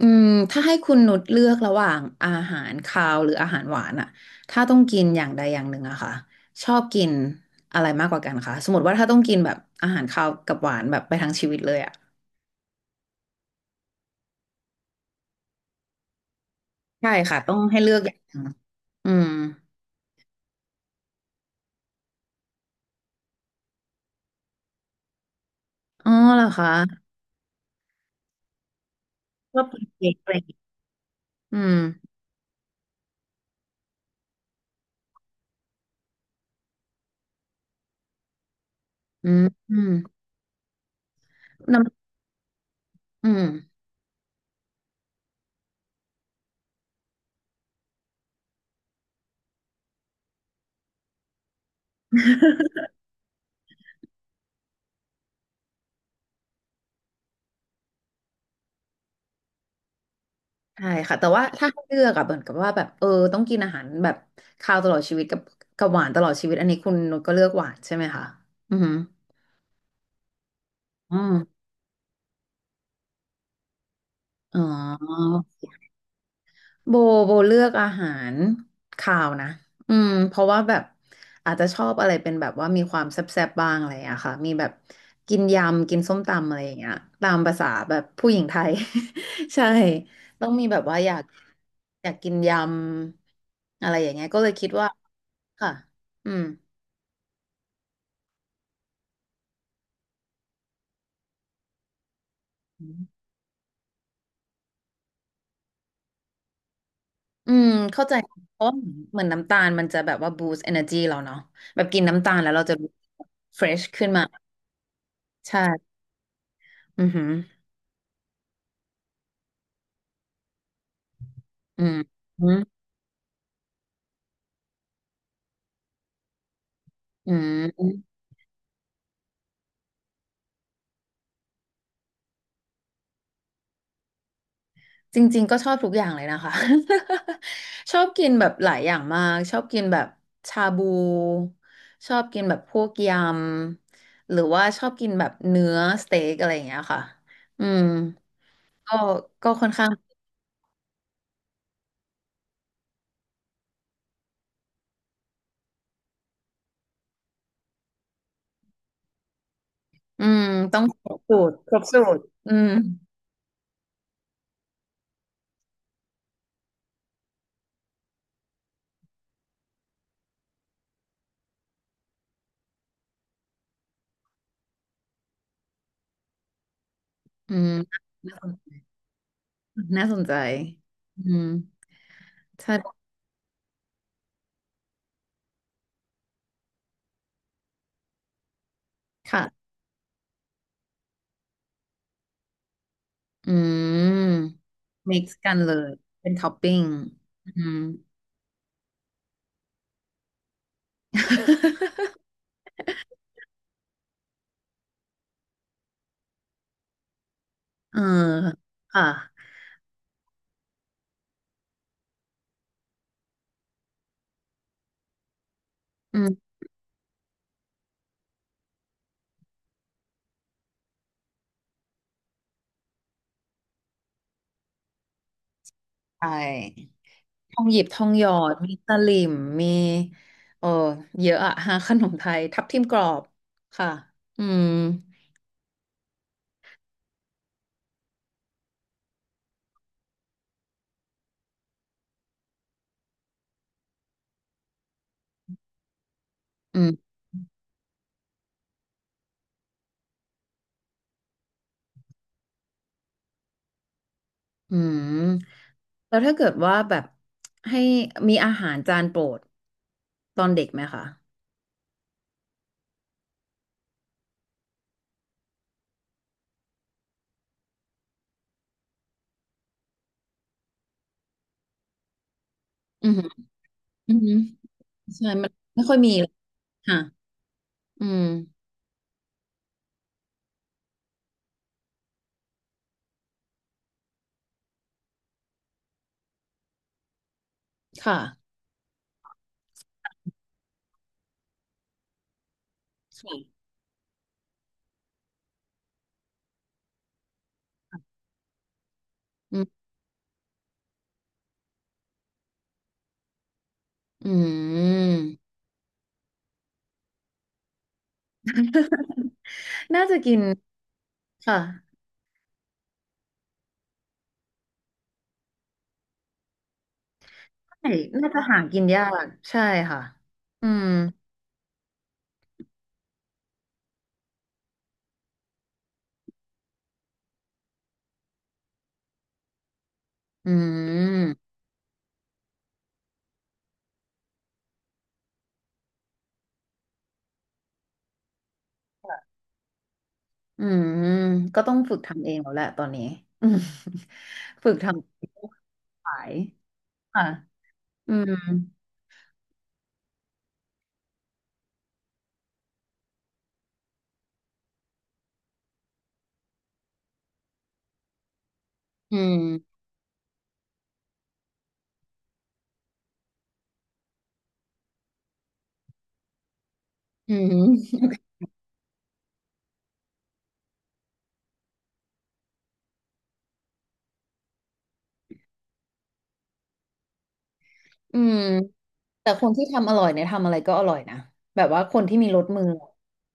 อืมถ้าให้คุณนุชเลือกระหว่างอาหารคาวหรืออาหารหวานอะถ้าต้องกินอย่างใดอย่างหนึ่งอะค่ะชอบกินอะไรมากกว่ากันคะสมมติว่าถ้าต้องกินแบบอาหารคาวกับหวานแบบไปทั้งชีวิตเลยอะใช่ค่ะต้องให้เลือกอย่างอืมอ๋อเหรอคะชอบกินเค้กอะไรอย่างเงี้อืมอืมอืมน้ำอืมใช่ค่ะแต่ว่าถ้าให้เลือกอะเหมือนกับว่าแบบต้องกินอาหารแบบคาวตลอดชีวิตกับหวานตลอดชีวิตอันนี้คุณนุชก็เลือกหวานใช่ไหมคะอืมอหืออืม อ๋อโบโบเลือกอาหารคาวนะอืมเพราะว่าแบบอาจจะชอบอะไรเป็นแบบว่ามีความแซ่บๆบ้างอะไรอะค่ะมีแบบกินยำกินส้มตำอะไรอย่างเงี้ยตามภาษาแบบผู้หญิงไทย ใช่ต้องมีแบบว่าอยากอยากกินยำอะไรอย่างเงี้ยก็เลยคิดว่าค่ะอืมอืมเข้าใจเพราะเหมือนน้ำตาลมันจะแบบว่า boost energy เราเนาะแบบกินน้ำตาลแล้วเราจะ fresh ขึ้นมาใช่ อือหืออืมอืมอืมจริงๆก็ชอบทุกอย่างเลยนะคะ ชอบกินแบบหลายอย่างมากชอบกินแบบชาบูชอบกินแบบพวกยำหรือว่าชอบกินแบบเนื้อสเต็กอะไรอย่างเงี้ยค่ะอืมก็ค่อนข้างอืมต้องอืมอืมน่าสนน่าสนใจอืมใช่ค่ะอืม mix กันเลยเป็นท็อปปิ้งอืม เออค่ะอืมใช่ทองหยิบทองหยอดมีตะหลิมมีเออเยอะอะ ฮะขนมไทยทับทิมกรอบค่ะอืมอืมอืมแล้วถ้าเกิดว่าแบบให้มีอาหารจานโปรดตอนเด็กไหมคะอืมอหืออืมอหือใช่มันไม่ค่อยมีเลยค่ะอืมค่ะค่ะอืมอืม น่าจะกินค่ะ ใช่น่าจะหากินยาก ใช่ค่ะอืมอืมอืมก็ต้องฝึกทำเองแล้วแหละตอนนี้ อืมฝึกทำขายค่ะอืมอืมอืมอืมแต่คนที่ทำอร่อยเนี่ยทำอะไรก็อร่อยนะ แบบว่าคนที่มีรสมือ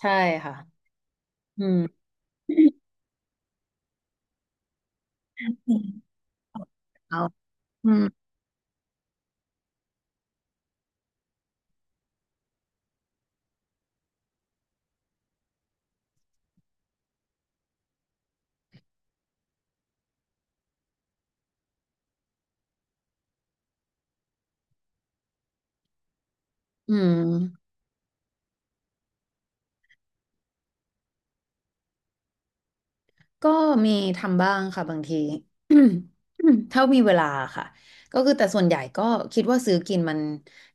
ใช่ค่ะอืมเอาอืมอืม ก็มีทำบ้างค่ะบางที ถ้ามีเวลาค่ะก็คือแต่ส่วนใหญ่ก็คิดว่าซื้อกินมัน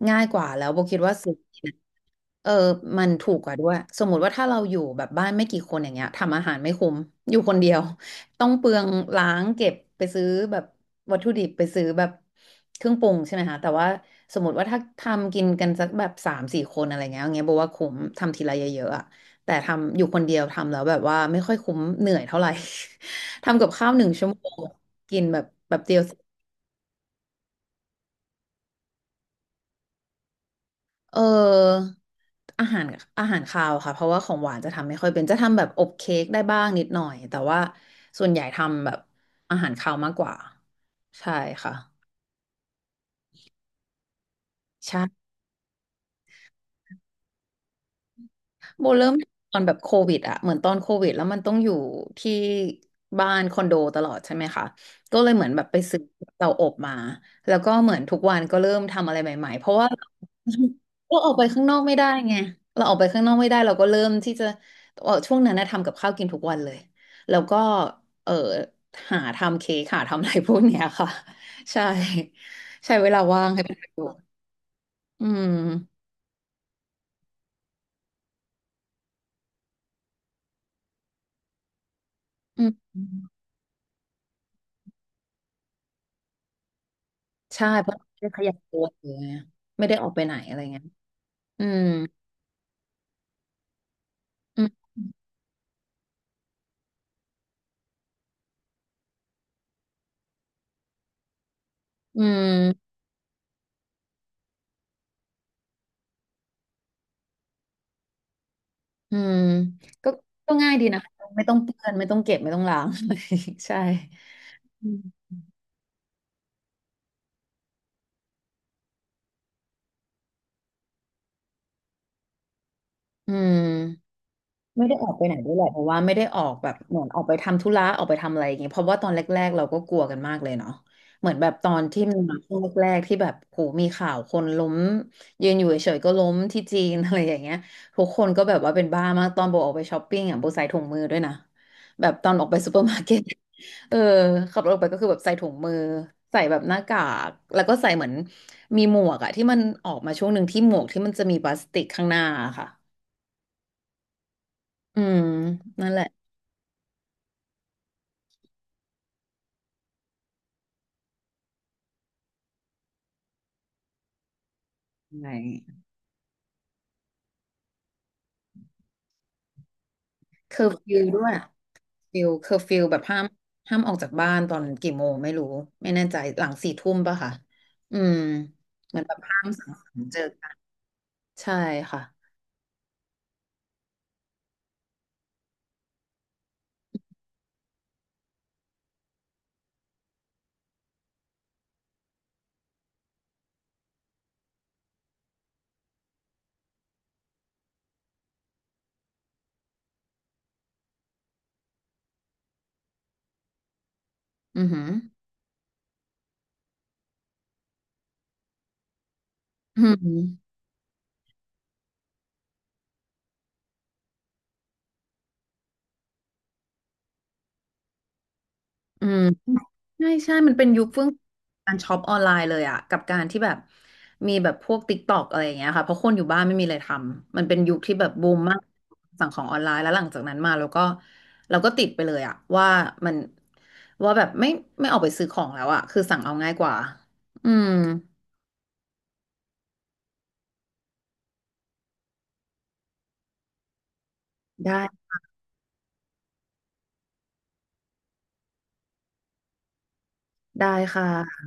ง่ายกว่าแล้วโบคิดว่าซื้อกินเออมันถูกกว่าด้วยสมมุติว่าถ้าเราอยู่แบบบ้านไม่กี่คนอย่างเงี้ยทำอาหารไม่คุ้มอยู่คนเดียวต้องเปลืองล้างเก็บไปซื้อแบบวัตถุดิบไปซื้อแบบเครื่องปรุงใช่ไหมคะแต่ว่าสมมติว่าถ้าทำกินกันสักแบบสามสี่คนอะไรเงี้ยอย่างเงี้ยบอกว่าคุ้มทำทีละเยอะๆอะ แต่ทำอยู่คนเดียวทำแล้วแบบว่าไม่ค่อยคุ้มเหนื่อยเท่าไหร่ ทำกับข้าวหนึ่งชั่วโมงกินแบบเดียวเสร็จเอออาหารคาวค่ะเพราะว่าของหวานจะทำไม่ค่อยเป็นจะทำแบบอบเค้กได้บ้างนิดหน่อยแต่ว่าส่วนใหญ่ทำแบบอาหารคาวมากกว่าใช่ค่ะใช่ โบเริ่มตอนแบบโควิดอะเหมือนตอนโควิดแล้วมันต้องอยู่ที่บ้านคอนโดตลอดใช่ไหมคะก็เลยเหมือนแบบไปซื้อเตาอบมาแล้วก็เหมือนทุกวันก็เริ่มทำอะไรใหม่ๆเพราะว่า เราออกไปข้างนอกไม่ได้ไงเราออกไปข้างนอกไม่ได้เราก็เริ่มที่จะเออช่วงนั้นนะทำกับข้าวกินทุกวันเลยแล้วก็เออหาทำเค้กหาทำอะไรพวกเนี้ยค่ะใช่ใช้เวลาว่างให้เป็นประโยชน์อืมอืม ใช่เพราะไม่ได้ขยับตัวหรือยู่ไงไม่ได้ออกไปไหนอะไรเงี้ยอืมอืมอืมอืมก็ง่ายดีนะคะไม่ต้องเปื้อนไม่ต้องเก็บไม่ต้องล้าง ใช่อืมอืม ไม่ได้ออกไปไหนด้วยแหละเพราะว่าไม่ได้ออกแบบเหมือนออกไปทำธุระออกไปทำอะไรอย่างเงี้ยเพราะว่าตอนแรกๆเราก็กลัวกันมากเลยเนาะเหมือนแบบตอนที่มันมาช่วงแรกๆที่แบบโหมีข่าวคนล้มยืนอยู่เฉยๆก็ล้มที่จีน อะไรอย่างเงี้ยทุกคนก็แบบว่าเป็นบ้ามากตอนโบออกไปช้อปปิ้งอ่ะโบใส่ถุงมือด้วยนะแบบตอนออกไปซูเปอร์มาร์เก็ต เออขับรถออกไปก็คือแบบใส่ถุงมือใส่แบบหน้ากากแล้วก็ใส่เหมือนมีหมวกอะที่มันออกมาช่วงหนึ่งที่หมวกที่มันจะมีพลาสติกข้างหน้าอะค่ะอืมนั่นแหละ ใช่เคอร์ฟิวด้วยอะเคอร์ฟิวแบบห้ามออกจากบ้านตอนกี่โมงไม่รู้ไม่แน่ใจหลังสี่ทุ่มป่ะค่ะอืมเหมือนแบบห้ามสังสรรค์เจอกันใช่ค่ะอือหืออืมอืม ใช่ใช่มันเป็นยุคเฟื่องการช็อปออนไลน์เลยอะกับการที่แบบมีแบบพวกติ๊กตอกอะไรอย่างเงี้ยค่ะเพราะคนอยู่บ้านไม่มีอะไรทำมันเป็นยุคที่แบบบูมมากสั่งของออนไลน์แล้วหลังจากนั้นมาเราก็ติดไปเลยอะว่ามันว่าแบบไม่ออกไปซื้อของแล้วอะคือสั่งเอาง่ายกว่าอืมได้ได้ค่ะ